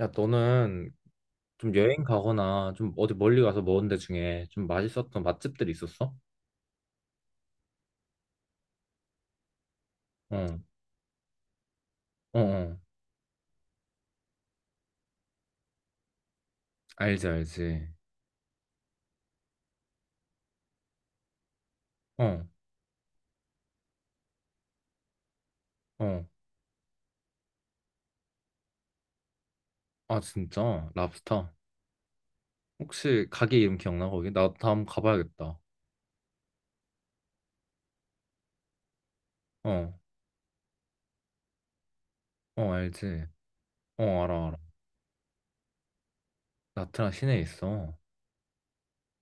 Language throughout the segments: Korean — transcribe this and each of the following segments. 야, 너는 좀 여행 가거나 좀 어디 멀리 가서 먹은 데 중에 좀 맛있었던 맛집들 있었어? 어, 어, 어. 알지, 알지. 어, 어. 아, 진짜? 랍스터? 혹시 가게 이름 기억나, 거기? 나 다음 가봐야겠다. 어, 어, 알지. 어, 알아, 알아. 나트랑 시내에 있어.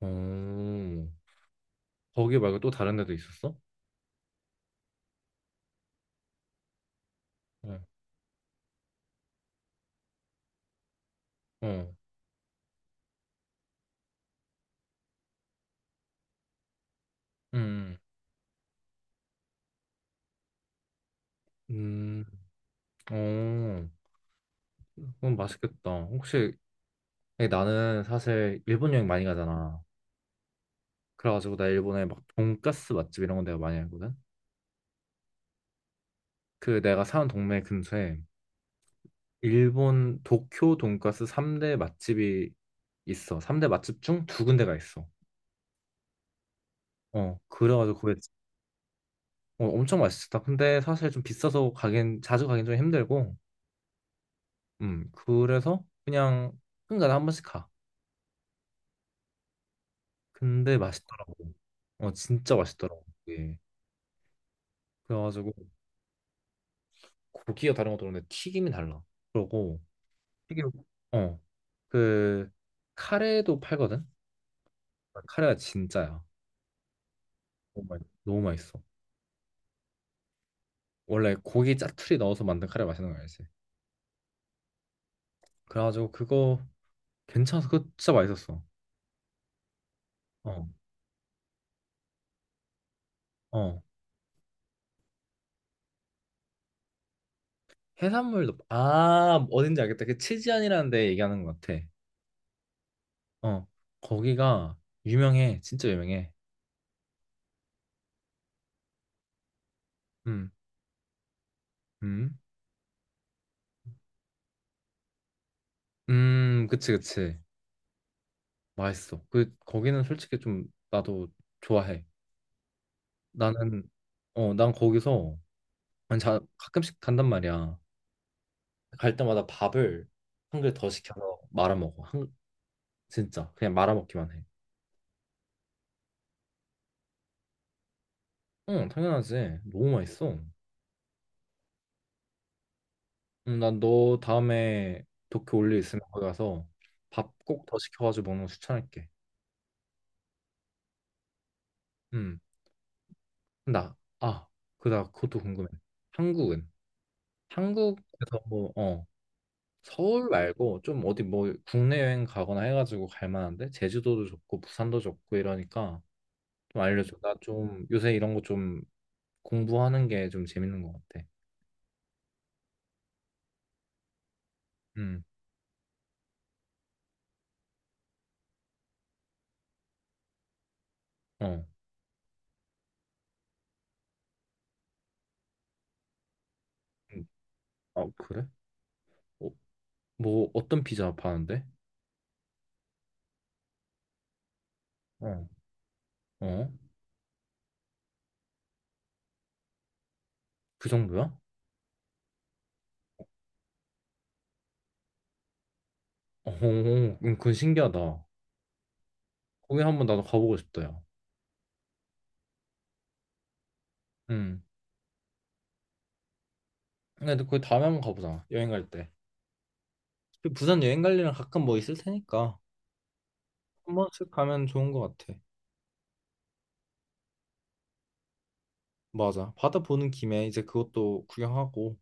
오, 거기 말고 또 다른 데도 있었어? 어, 어, 음, 음, 어. 그건 맛있겠다. 혹시, 아니, 나는 사실 일본 여행 많이 가잖아. 그래가지고 나 일본에 막 돈가스 맛집 이런 건 내가 많이 알거든. 그 내가 사는 동네 근처에 일본 도쿄 돈가스 3대 맛집이 있어. 3대 맛집 중 두 군데가 있어. 어, 그래가지고 거기 어, 엄청 맛있었다. 근데 사실 좀 비싸서 가긴 자주 가긴 좀 힘들고, 그래서 그냥 한간에 한 번씩 가. 근데 맛있더라고. 어, 진짜 맛있더라고. 예. 그래가지고 고기가 다른 것도 그런데 튀김이 달라. 그러고 튀김. 어. 그 카레도 팔거든. 카레가 진짜야. 너무 맛있어. 원래 고기 짜투리 넣어서 만든 카레 맛있는 거 알지? 그래가지고 그거 괜찮아서 그거 진짜 맛있었어. 어, 어. 해산물도 아 어딘지 알겠다. 그 치즈안이라는 데 얘기하는 것 같아. 어, 거기가 유명해. 진짜 유명해. 음, 음, 그치, 그치. 맛있어. 그 거기는 솔직히 좀 나도 좋아해. 나는 어, 난 거기서 아니, 자, 가끔씩 간단 말이야. 갈 때마다 밥을 한 그릇 더 시켜서 말아먹어. 한, 진짜 그냥 말아먹기만 해. 응, 당연하지. 너무 맛있어. 응, 난너 다음에 도쿄 올일 있으면 거기 가서 밥 꼭 더 시켜가지고 먹는 거 추천할게. 응, 나, 아, 그, 나 그것도 궁금해. 한국은? 한국에서 뭐, 어, 서울 말고 좀 어디 뭐 국내 여행 가거나 해가지고 갈 만한데? 제주도도 좋고 부산도 좋고 이러니까 좀 알려줘. 나 좀 요새 이런 거좀 공부하는 게 좀 재밌는 것 같아. 음, 어. 음, 아, 그래? 어, 뭐, 어떤 피자 파는데? 어, 어? 그 정도야? 어, 그건 신기하다. 거기 한번 나도 가보고 싶다, 야. 음. 근데 거기 다음에 한번 가보자. 여행 갈 때. 그 부산 여행 갈 일은 가끔 뭐 있을 테니까. 한 번씩 가면 좋은 것 같아. 맞아. 바다 보는 김에 이제 그것도 구경하고.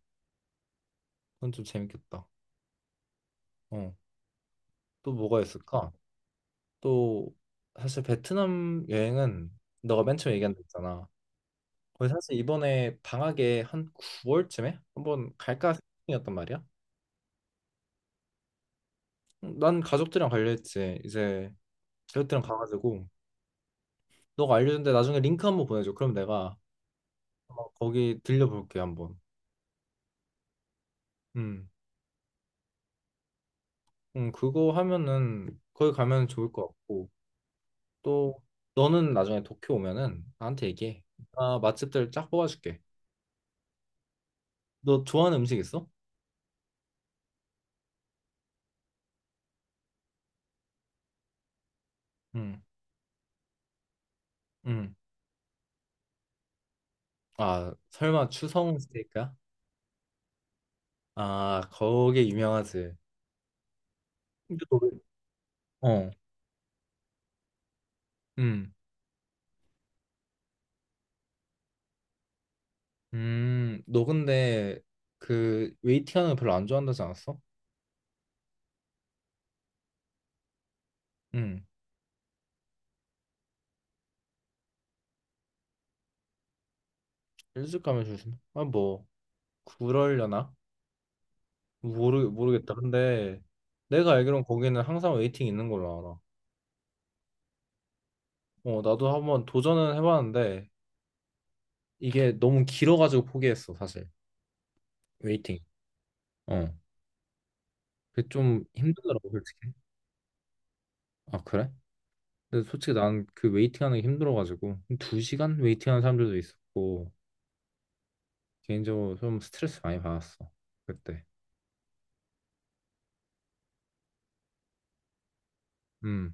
그건 좀 재밌겠다. 어. 또 뭐가 있을까? 또, 사실 베트남 여행은 너가 맨 처음 얘기한 데 있잖아. 거의 사실 이번에 방학에 한 9월쯤에 한번 갈까 생각 중이었단 말이야. 난 가족들이랑 갈려 했지. 이제 가족들이랑 가가지고 너가 알려준 데 나중에 링크 한번 보내줘. 그럼 내가 아마 거기 들려볼게 한번. 음, 그거 하면은 거기 가면 좋을 것 같고 또 너는 나중에 도쿄 오면은 나한테 얘기해. 나 맛집들 쫙 뽑아줄게. 너 좋아하는 음식 있어? 응, 응. 아 설마 추성 스테이크야? 아 거기 유명하지. 근데 너 왜- 어. 음, 너 근데 그 웨이팅하는 거 별로 안 좋아한다지 않았어? 음, 일찍 가면 조심. 아, 뭐 그럴려나? 모르겠다. 근데 내가 알기론 거기는 항상 웨이팅 있는 걸로 알아. 어, 나도 한번 도전은 해봤는데 이게 너무 길어가지고 포기했어, 사실. 웨이팅. 어, 그게 좀 힘들더라고, 솔직히. 아, 그래? 근데 솔직히 난 그 웨이팅하는 게 힘들어가지고 두 시간 웨이팅하는 사람들도 있었고 개인적으로 좀 스트레스 많이 받았어 그때. 음.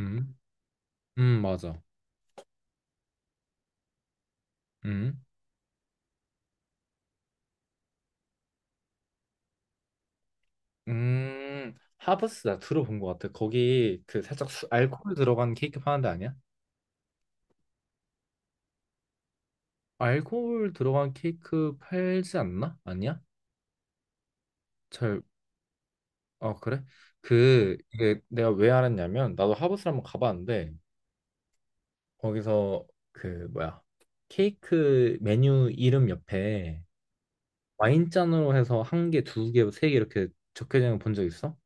음, 맞아. 음, 하브스 나 들어본 것 같아. 거기 그 살짝 알코올 들어간 케이크 파는 데 아니야? 알코올 들어간 케이크 팔지 않나? 아니야? 잘, 아, 그래? 그, 이게 내가 왜 알았냐면, 나도 하브스 한번 가봤는데, 거기서 그, 뭐야, 케이크 메뉴 이름 옆에 와인잔으로 해서 한 개, 두 개, 세 개 이렇게 적혀있는 거 본 적 있어?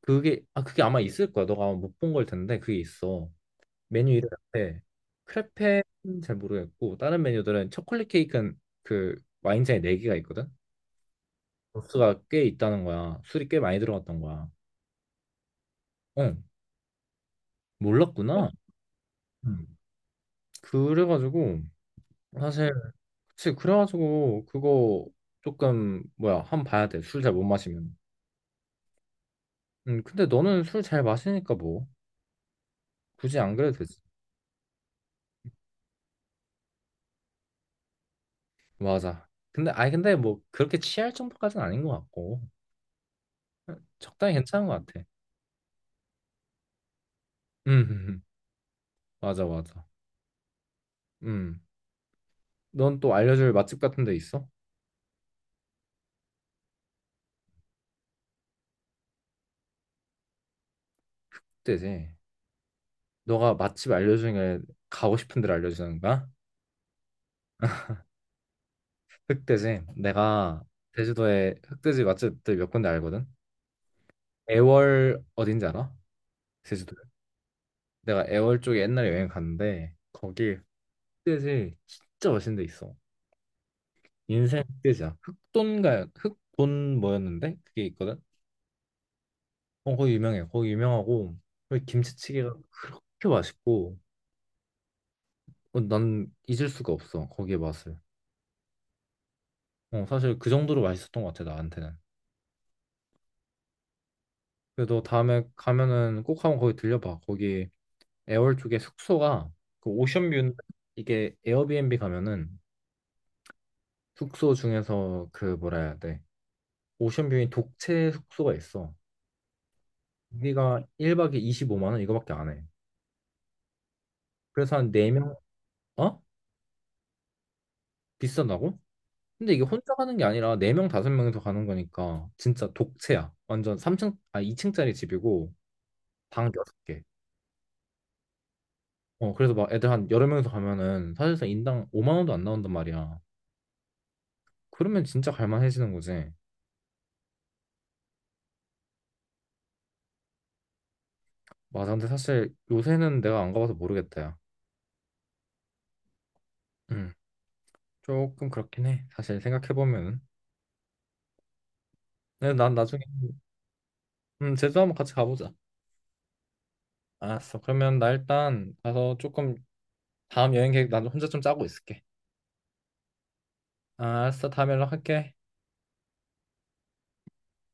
그게, 아, 그게 아마 있을 거야. 너가 아마 못 본 걸 텐데, 그게 있어. 메뉴 이름인데 크레페는 잘 모르겠고 다른 메뉴들은 초콜릿 케이크는 그 와인잔에 4개가 있거든? 도수가 꽤 있다는 거야. 술이 꽤 많이 들어갔던 거야. 응, 어, 몰랐구나. 음. 그래가지고 사실 그치 그래가지고 그거 조금 뭐야 한번 봐야 돼. 술 잘 못 마시면. 근데 너는 술 잘 마시니까 뭐 굳이 안 그래도 되지. 맞아. 근데 아니 근데 뭐 그렇게 취할 정도까지는 아닌 것 같고 응, 적당히 괜찮은 것 같아. 음, 맞아 맞아. 음. 넌 또 알려줄 맛집 같은 데 있어? 흑돼지. 너가 맛집 알려주는 게 가고 싶은 데를 알려주는 거야? 흑돼지. 내가 제주도에 흑돼지 맛집들 몇 군데 알거든. 애월 어딘지 알아? 제주도. 내가 애월 쪽에 옛날에 여행 갔는데 거기 흑돼지 진짜 맛있는 데 있어. 인생 흑돼지야. 흑돈가 흑돈 뭐였는데 그게 있거든. 어 거기 유명해. 거기 유명하고 거기 김치찌개가 그렇게 맛있고 어, 난 잊을 수가 없어 거기의 맛을. 어, 사실 그 정도로 맛있었던 것 같아, 나한테는. 그래도 다음에 가면은 꼭 한번 거기 들려봐. 거기 애월 쪽에 숙소가 그 오션뷰인데 이게 에어비앤비 가면은 숙소 중에서 그 뭐라 해야 돼? 오션뷰인 독채 숙소가 있어. 우리가 1박에 25만 원 이거밖에 안 해. 그래서 한 4명, 어? 비싸다고? 근데 이게 혼자 가는 게 아니라 4명, 5명이서 가는 거니까 진짜 독채야. 완전 삼층아 2층짜리 집이고 방 6개. 어, 그래서 막 애들 한 여러 명이서 가면은 사실상 인당 5만 원도 안 나온단 말이야. 그러면 진짜 갈만해지는 거지. 맞아. 근데 사실 요새는 내가 안 가봐서 모르겠다. 야. 음, 조금 그렇긴 해. 사실 생각해보면은. 근데 난 나중에, 제주도 한번 같이 가보자. 알았어. 그러면 나 일단 가서 조금 다음 여행 계획 나 혼자 좀 짜고 있을게. 아, 알았어. 다음에 연락할게.